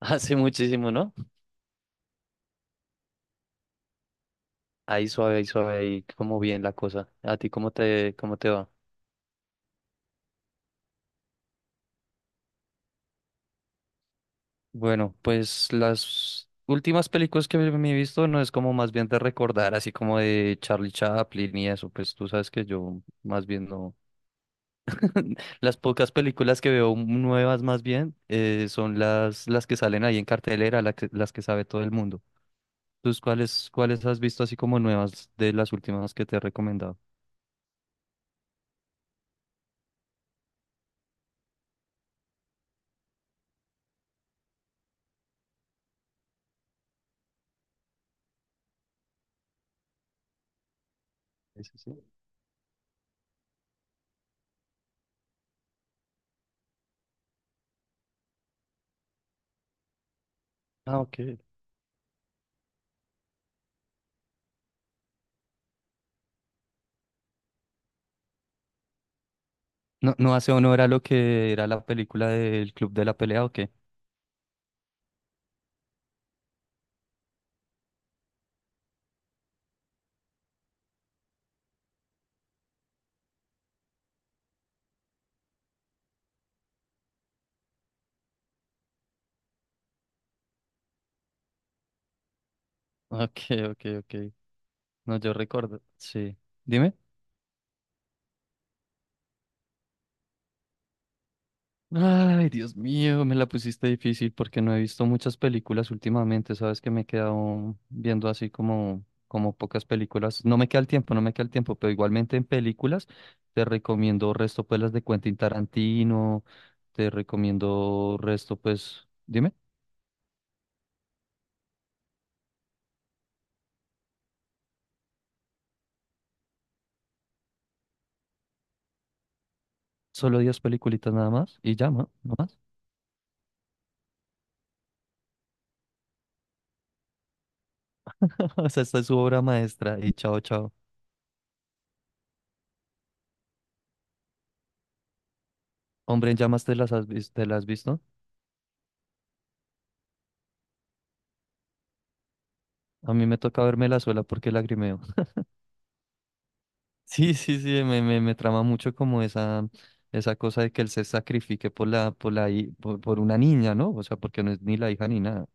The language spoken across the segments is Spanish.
Hace muchísimo, ¿no? Ahí suave, ahí suave, ahí como bien la cosa. ¿A ti cómo te va? Bueno, pues las últimas películas que me he visto no es como más bien de recordar, así como de Charlie Chaplin y eso, pues tú sabes que yo más bien no. Las pocas películas que veo nuevas más bien son las que salen ahí en cartelera, las que sabe todo el mundo. ¿Tú cuáles, cuáles has visto así como nuevas de las últimas que te he recomendado? Sí, sí, sí. Ah, ok. No, no hace honor a lo que era la película del Club de la Pelea, ¿o qué? Ok, ok, ok. No, yo recuerdo. Sí. Dime. Ay, Dios mío, me la pusiste difícil porque no he visto muchas películas últimamente. Sabes que me he quedado viendo así como, como pocas películas. No me queda el tiempo, no me queda el tiempo, pero igualmente en películas te recomiendo resto, pues las de Quentin Tarantino, te recomiendo resto pues, dime, solo diez peliculitas nada más y ya, ¿no? ¿No más? O sea, esta es su obra maestra y chao, chao. Hombre en llamas, ¿te las has visto? A mí me toca verme la suela porque lagrimeo. Sí, sí, sí, me trama mucho como esa cosa de que él se sacrifique por la, hi- por una niña, ¿no? O sea, porque no es ni la hija ni nada.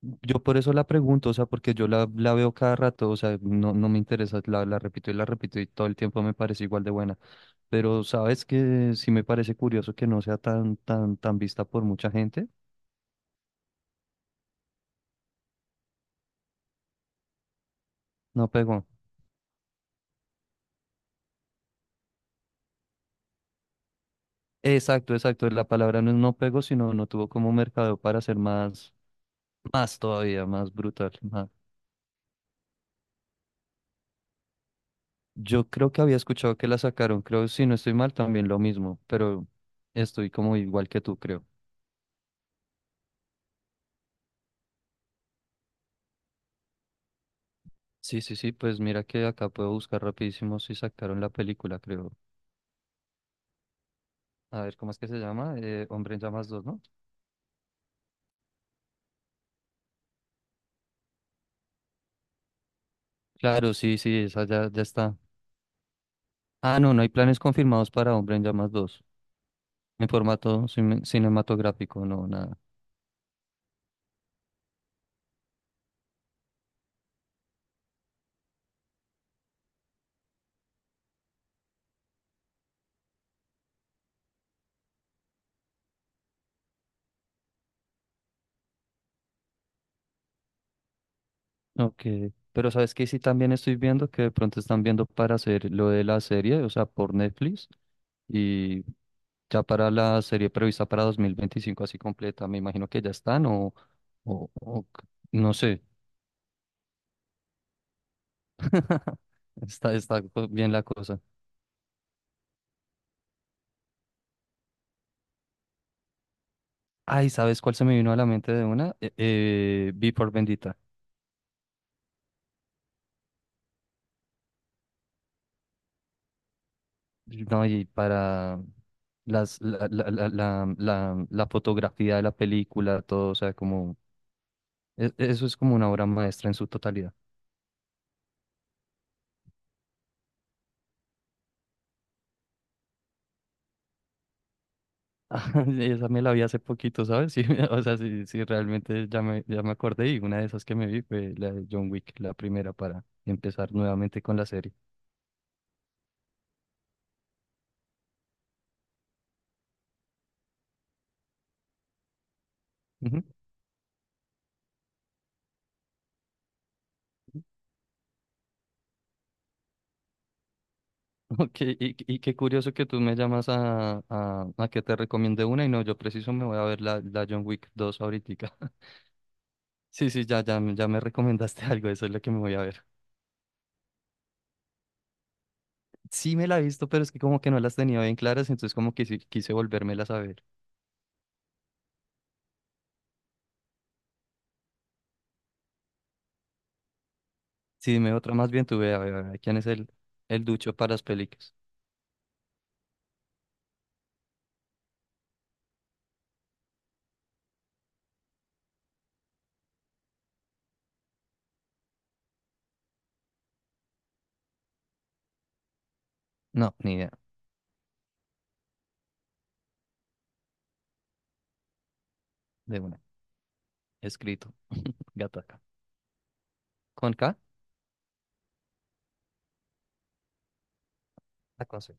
Yo por eso la pregunto, o sea, porque la veo cada rato, o sea, no, no me interesa, la repito y todo el tiempo me parece igual de buena. Pero sabes que sí me parece curioso que no sea tan vista por mucha gente. No pegó. Exacto, exacto. La palabra no no pegó, sino no tuvo como mercado para ser más, más todavía, más brutal. Más- Yo creo que había escuchado que la sacaron, creo, si no estoy mal, también lo mismo, pero estoy como igual que tú, creo. Sí, sí, sí, pues mira que acá puedo buscar rapidísimo si sacaron la película, creo. A ver, ¿cómo es que se llama? Hombre en Llamas dos, ¿no? Claro, sí, sí, esa ya, ya está. Ah, no, no hay planes confirmados para Hombre en Llamas dos en formato cinematográfico, no, nada. Ok, pero sabes que sí también estoy viendo que de pronto están viendo para hacer lo de la serie, o sea, por Netflix, y ya para la serie prevista para 2025 así completa, me imagino que ya están o, o c- no sé, está, bien la cosa. Ay, ¿sabes cuál se me vino a la mente de una? Vi por Bendita. No, y para las, la, la, la, la, la la fotografía de la película, todo, o sea, como E- Eso es como una obra maestra en su totalidad. Esa me la vi hace poquito, ¿sabes? Sí, o sea, sí, sí, realmente ya me acordé y una de esas que me vi fue la de John Wick, la primera para empezar nuevamente con la serie. Ujú. Ok, y qué curioso que tú me llamas a que te recomiende una y no, yo preciso me voy a ver la John Wick dos ahorita. Sí, sí, ya me recomendaste algo, eso es lo que me voy a ver. Sí me la he visto, pero es que como que no las tenía bien claras, entonces como que sí, quise volvérmelas a ver. Sí, dime otra más bien tuve. A ver, ¿quién es el ducho para las películas? No, ni idea. De una. Escrito. Gataca. ¿Con K? Ah, con C.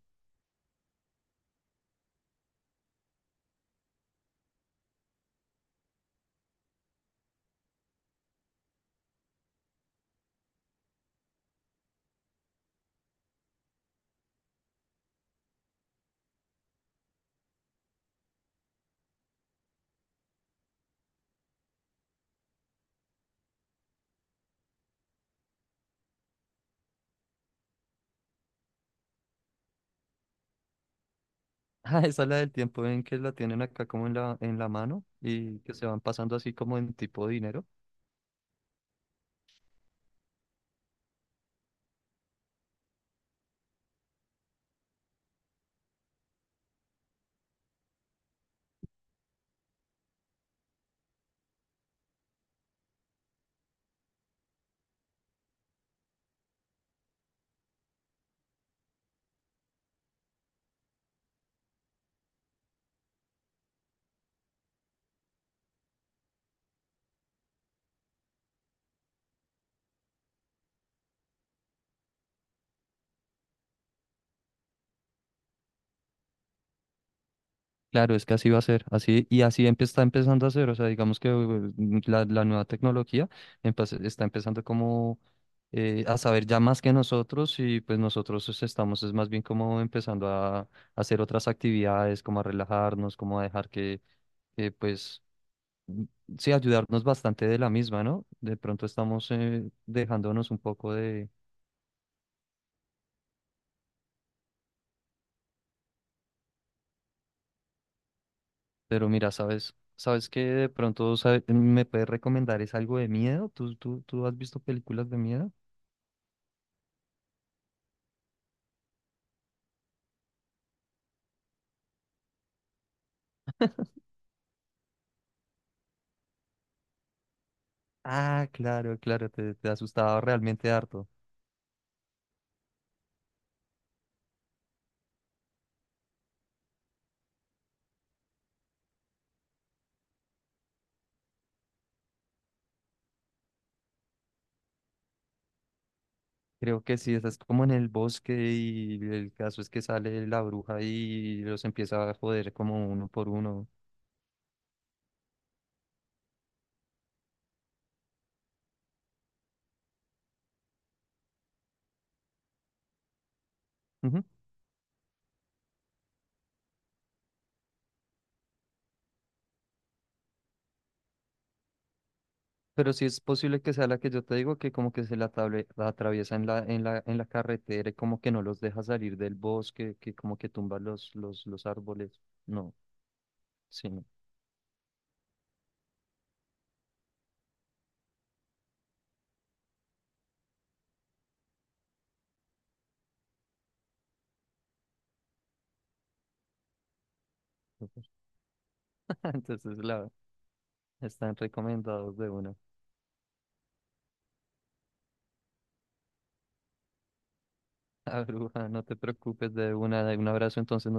Ah, esa es la del tiempo en que la tienen acá como en en la mano y que se van pasando así como en tipo dinero. Claro, es que así va a ser, así y así empe- está empezando a ser, o sea, digamos que la nueva tecnología empe- está empezando como a saber ya más que nosotros y pues nosotros es- estamos es más bien como empezando a hacer otras actividades, como a relajarnos, como a dejar pues m- sí, ayudarnos bastante de la misma, ¿no? De pronto estamos dejándonos un poco de, pero mira, sabes, sabes que de pronto sabe- me puedes recomendar es algo de miedo, ¿tú, tú, tú has visto películas de miedo? Ah, claro, claro, te asustaba realmente harto. Creo que sí, estás como en el bosque y el caso es que sale la bruja y los empieza a joder como uno por uno. Ujú. Pero sí es posible que sea la que yo te digo, que como que la atraviesa en en la carretera y como que no los deja salir del bosque, que como que tumba los árboles. No, sí, no. Entonces la, están recomendados de una. La bruja, no te preocupes, de una, de un abrazo entonces.